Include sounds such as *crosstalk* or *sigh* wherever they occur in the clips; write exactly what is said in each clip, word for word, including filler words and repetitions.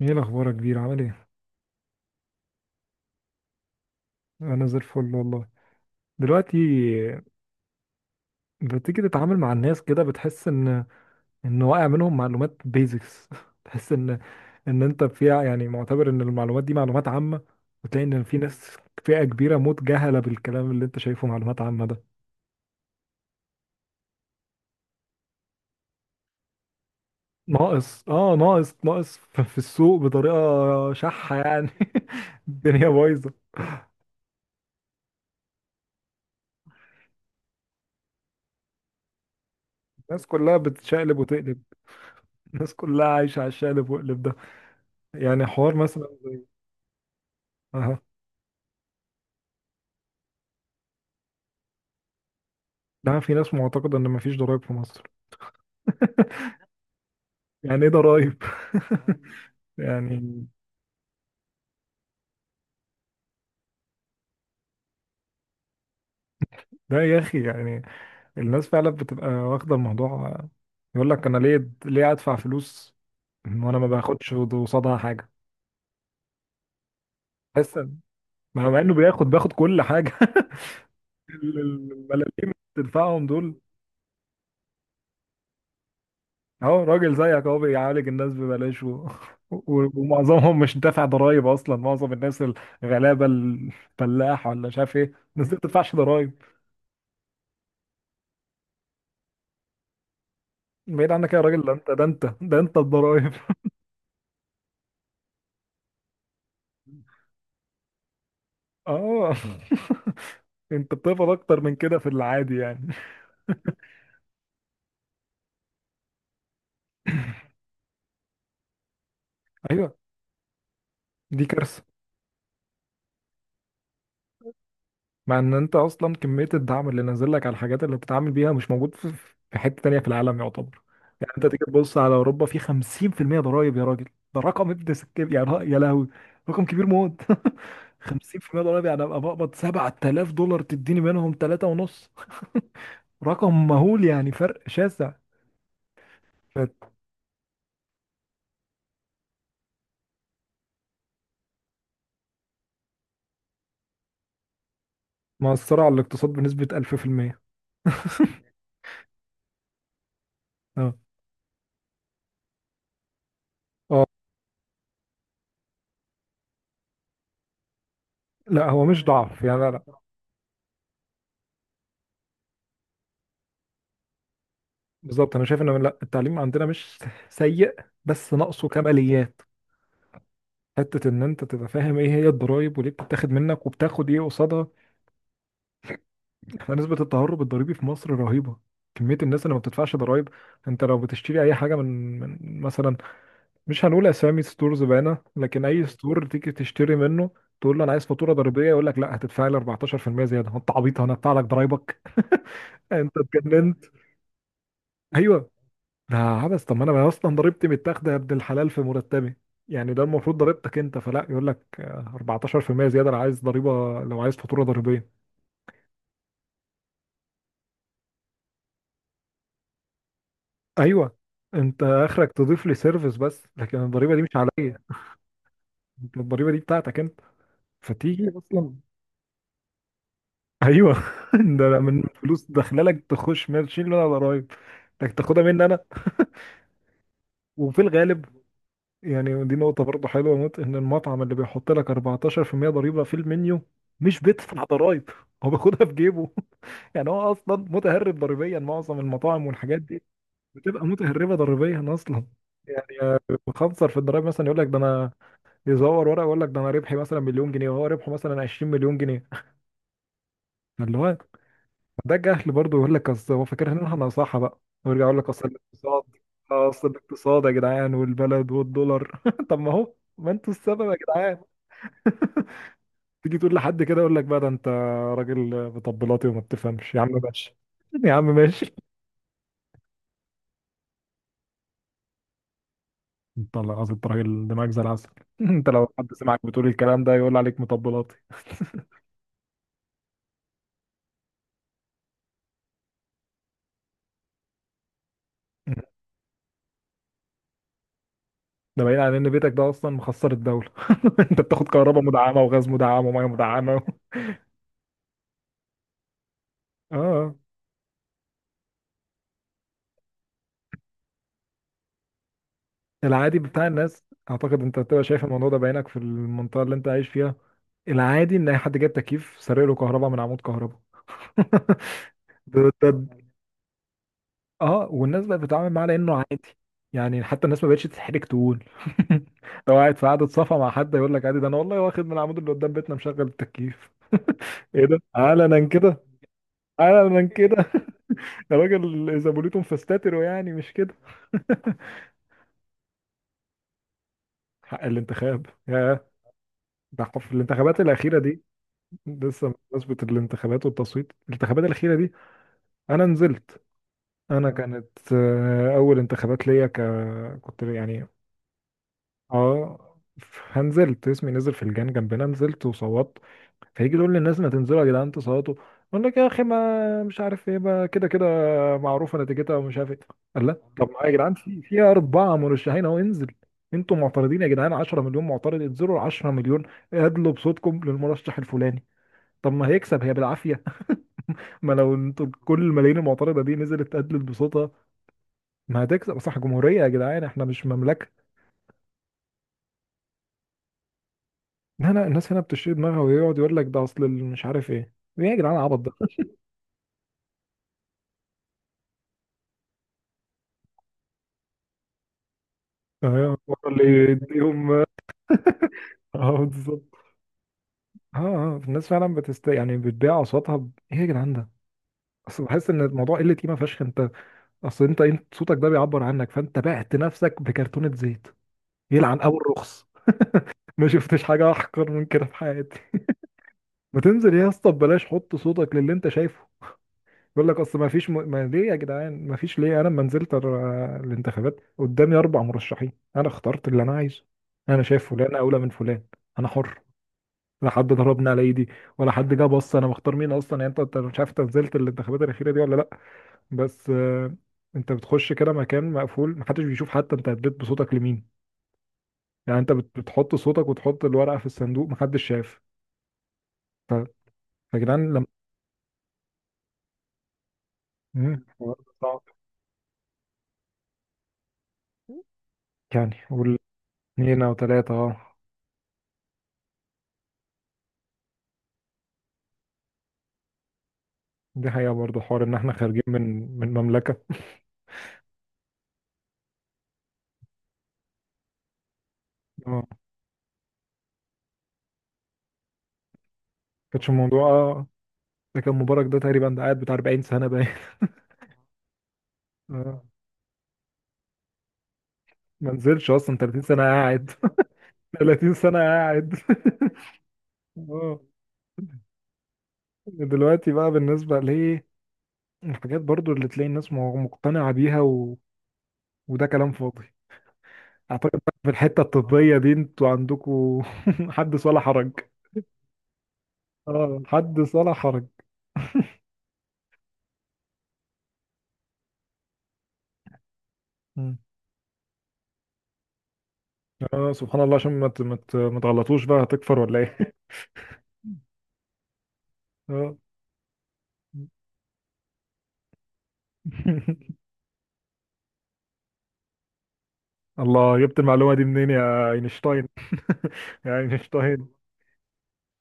ايه الاخبار يا كبير؟ عامل ايه؟ انا زي الفل والله. دلوقتي بتيجي تتعامل مع الناس كده، بتحس ان ان واقع منهم معلومات بيزكس. *laughs* تحس ان ان انت فيها، يعني معتبر ان المعلومات دي معلومات عامة، وتلاقي ان في ناس، فئة كبيرة موت، جهلة بالكلام اللي انت شايفه معلومات عامة ده. ناقص اه ناقص ناقص ف- في السوق بطريقة شحة يعني. *laughs* الدنيا بايظة. الناس كلها بتشقلب وتقلب. الناس كلها عايشة على الشقلب وقلب ده. يعني حوار مثلا، ده في ناس معتقدة ان مفيش ضرائب في مصر. *laughs* يعني ايه ضرائب؟ *laughs* يعني ده يا اخي، يعني الناس فعلا بتبقى واخدة الموضوع، يقول لك انا ليه ليه ادفع فلوس وانا ما باخدش قصادها حاجة؟ بس مع انه بياخد بياخد كل حاجة. *laughs* ال- ال- الملاليم اللي بتدفعهم دول. اهو راجل زيك اهو بيعالج الناس ببلاش، و... *laughs* و- ومعظمهم مش دافع ضرايب اصلا، معظم الناس الغلابه، الفلاح ولا مش عارف ايه. الناس دي ما بتدفعش ضرايب. بعيد عنك يا راجل، ده انت، ده انت، ده انت الضرايب. اه. *laughs* انت بتقبض اكتر من كده في العادي يعني. ايوه، دي كارثه. مع ان انت اصلا كميه الدعم اللي نازل لك على الحاجات اللي بتتعامل بيها مش موجود في في حته تانية في العالم يعتبر. يعني انت تيجي تبص على اوروبا، في خمسين في المية ضرايب يا راجل. ده رقم ابن سكين، يعني ر- يا لهوي، رقم كبير موت. *laughs* خمسين في المية ضرايب، يعني ابقى بقبض سبعة آلاف دولار تديني منهم تلاتة ونص. *laughs* رقم مهول يعني، فرق شاسع. مأثرة على الاقتصاد بنسبة ألف في المية. *laughs* اه اه. لا هو مش ضعف يعني، لا لا. بالظبط، انا شايف ان لا، التعليم عندنا مش سيء، بس ناقصه كماليات. حته ان انت تبقى فاهم ايه هي الضرايب وليه بتتاخد منك وبتاخد ايه قصادها. احنا نسبه التهرب الضريبي في مصر رهيبه، كميه الناس اللي ما بتدفعش ضرايب. انت لو بتشتري اي حاجه من من مثلا، مش هنقول اسامي ستورز بقى، لكن اي ستور تيجي تشتري منه، تقول له انا عايز فاتوره ضريبيه، يقول لك لا، هتدفع لي اربعتاشر في المية زياده. انت عبيط؟ انا هدفع لك ضرايبك؟ *laughs* انت اتجننت؟ ايوه، ده عبس. طب ما انا اصلا ضريبتي متاخده يا ابن الحلال في مرتبي. يعني ده المفروض ضريبتك انت، فلا يقول لك آه، اربعتاشر في المية زياده لو عايز ضريبه، لو عايز فاتوره ضريبيه. ايوه، انت اخرك تضيف لي سيرفيس بس، لكن الضريبه دي مش عليا. انت الضريبه دي بتاعتك انت، فتيجي اصلا. ايوه. *laughs* ده أنا من فلوس داخله لك تخش ماشي ولا ضرايب، انك تاخدها مني انا؟ وفي الغالب يعني دي نقطة برضه حلوة موت، إن المطعم اللي بيحط لك اربعة عشر في المئة ضريبة في المنيو مش بيدفع ضرايب، هو بياخدها في جيبه. *laughs* يعني هو أصلا متهرب ضريبيا، معظم المطاعم والحاجات دي بتبقى متهربة ضريبيا أصلا. يعني آه، بخنصر في الضرايب، مثلا يقول لك ده أنا، يزور ورقة، يقول لك ده أنا ربحي مثلا مليون جنيه، وهو ربحه مثلا عشرين مليون جنيه. اللي هو ده جهل برضه، يقول لك أصل هو فاكر إن إحنا صح بقى، ويرجع يقول لك أصل الاقتصاد، أصل الاقتصاد يا جدعان والبلد والدولار. *laughs* طب ما هو، ما أنتوا السبب يا جدعان. *laughs* تيجي تقول لحد كده يقول لك بقى ده انت راجل مطبلاتي وما بتفهمش. يا عم ماشي، يا عم ماشي. انت الله العظيم، انت راجل دماغك زي العسل. *laughs* انت لو حد سمعك بتقول الكلام ده يقول عليك مطبلاتي. *laughs* ده بعيد عن ان بيتك ده اصلا مخسر الدوله. *laughs* انت بتاخد كهرباء مدعمه وغاز مدعم وميه مدعمه. *laughs* اه. العادي بتاع الناس، اعتقد انت بتبقى شايف الموضوع ده بعينك في المنطقه اللي انت عايش فيها. العادي ان اي حد جايب تكييف سارق له كهرباء من عمود كهرباء. *laughs* ده, ده اه، والناس بقت بتتعامل معاه لانه عادي. يعني حتى الناس ما بقتش تتحرج، تقول *laughs* لو قاعد في قعده صفا مع حد يقول لك عادي، ده انا والله واخد من العمود اللي قدام بيتنا مشغل التكييف. ايه ده، علنا كده؟ علنا كده! *laughs* ده راجل اذا بوليتم فاستتروا، يعني مش كده؟ *laughs* حق الانتخاب يا، ده في الانتخابات الاخيره دي. لسه بمناسبه الانتخابات والتصويت، الانتخابات الاخيره دي انا نزلت. انا كانت آه، اول انتخابات ليا، ك كنت يعني، اه. فنزلت، اسمي نزل في الجان جنبنا، نزلت وصوت. فيجي يقول للناس ما تنزلوا يا جدعان تصوتوا، اقول لك يا اخي ما مش عارف ايه، ما كده كده معروفه نتيجتها ومش عارف ايه. قال لا، طب ما يا جدعان، في في اربعه مرشحين اهو، انزل. انتوا معترضين يا جدعان، عشرة مليون معترض، انزلوا ال عشرة مليون، ادلوا بصوتكم للمرشح الفلاني. طب ما هيكسب هي بالعافيه. *laughs* ما لو انتوا كل الملايين المعترضه دي نزلت ادلت بصوتها، ما هتكسب صح؟ جمهوريه يا جدعان، احنا مش مملكه. لا لا، الناس هنا بتشيل دماغها، ويقعد يقول لك ده اصل ال-، مش عارف ايه. ايه يا جدعان العبط ده؟ ايوه، الحوار اللي يديهم. *laughs* اه، بالظبط. اه اه، الناس فعلا بتست يعني بتبيع اصواتها، ب... ايه يا جدعان ده؟ اصل بحس ان الموضوع قله قيمه فشخ. انت اصل انت، انت صوتك ده بيعبر عنك، فانت بعت نفسك بكرتونه زيت. يلعن ابو الرخص. ما شفتش حاجه احقر من كده في حياتي. ما تنزل يا اسطى ببلاش، حط صوتك للي انت شايفه، بيقول لك اصل ما فيش م... ما ليه يا جدعان؟ ما فيش ليه. انا لما نزلت ال- الانتخابات قدامي اربع مرشحين، انا اخترت اللي انا عايزه. انا شايف فلان اولى من فلان، انا حر، لا حد ضربني على ايدي، ولا حد جه بص انا مختار مين اصلا يعني. انت أنت مش عارف انت نزلت الانتخابات الاخيره دي ولا لا؟ بس آه، انت بتخش كده مكان مقفول محدش بيشوف حتى انت اديت بصوتك لمين. يعني انت بت- بتحط صوتك وتحط الورقه في الصندوق، محدش شاف. ف- فيا جدعان لما، مم، صعب. يعني قول اثنين او ثلاثه، اه. دي حقيقة برضه، حوار إن إحنا خارجين من من مملكة. آه. كانش الموضوع، آه. ده كان مبارك، ده تقريبا ده قاعد بتاع اربعين سنة باين. آه. ما نزلش أصلا، تلاتين سنة قاعد. *laughs* تلاتين سنة قاعد. *laughs* اه. دلوقتي بقى بالنسبة ليه، الحاجات برضو اللي تلاقي الناس م- مقتنعة بيها، و... وده كلام فاضي. اعتقد بقى في الحتة الطبية دي انتوا عندكوا *laughs* حدث ولا حرج. اه، حدث ولا حرج. مم. اه، سبحان الله، عشان ما ت- ما ت- ما تغلطوش بقى، هتكفر ولا ايه؟ *laughs* اه. *laughs* الله، جبت المعلومة دي منين يا اينشتاين؟ *laughs* يا اينشتاين.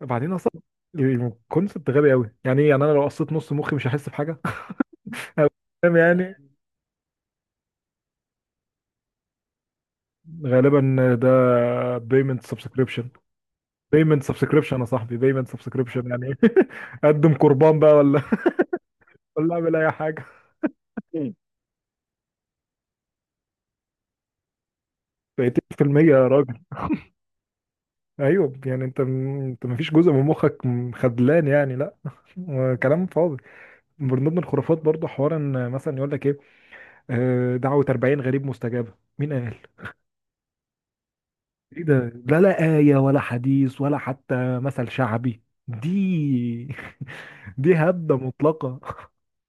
بعدين اصلا الكونسبت غبي قوي، يعني ايه يعني انا لو قصيت نص مخي مش هحس بحاجة؟ *laughs* فاهم يعني؟ غالبا ده بيمنت سبسكريبشن. بيمنت سبسكريبشن يا صاحبي، بيمنت سبسكريبشن، يعني ايه؟ *laughs* اقدم قربان بقى، ولا *laughs* ولا اعمل اي حاجة؟ تلاتين في المية يا راجل. ايوه يعني انت، انت مفيش جزء من مخك خدلان يعني؟ لا. *laughs* كلام فاضي. من ضمن الخرافات برضه، حوار ان مثلا يقول لك ايه، آه، دعوة اربعين غريب مستجابة. مين قال؟ ايه ده؟ لا لا، آية ولا حديث ولا حتى مثل شعبي دي. *laughs* دي هبدة مطلقة.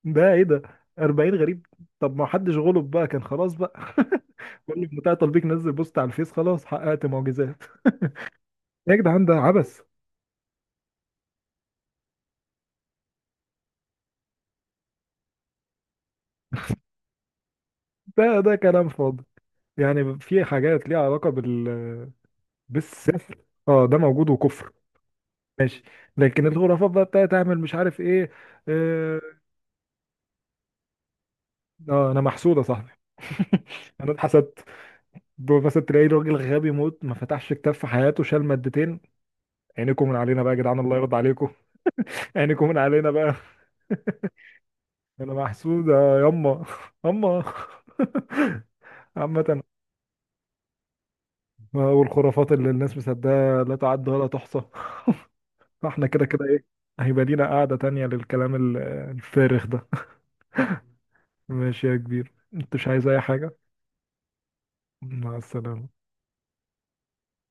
ده ايه ده؟ اربعين غريب؟ طب ما حدش غلب بقى كان خلاص بقى. *laughs* كل بتاع تطبيق نزل بوست على الفيس خلاص حققت معجزات. يا جدعان ده عبث. ده ده كلام فاضي. يعني في حاجات ليها علاقة بال بالسحر. اه ده موجود وكفر، ماشي. لكن الخرافات بقى بتاعت تعمل مش عارف ايه، آه، اه انا محسود يا صاحبي. *laughs* انا اتحسدت. دول مثلا تلاقي راجل غبي موت، ما فتحش كتاب في حياته، شال مادتين. عينيكم من علينا بقى يا جدعان، الله يرضى عليكم. *laughs* عينيكم من علينا بقى. *laughs* انا محسود يا يما، يما. *laughs* عامة، والخرافات اللي الناس مصدقاها لا تعد ولا تحصى. *laughs* فاحنا كده كده ايه، هيبقى لينا قعدة تانية للكلام ال- الفارغ ده. *laughs* ماشي يا كبير، انت مش عايز اي حاجة؟ مع السلامة.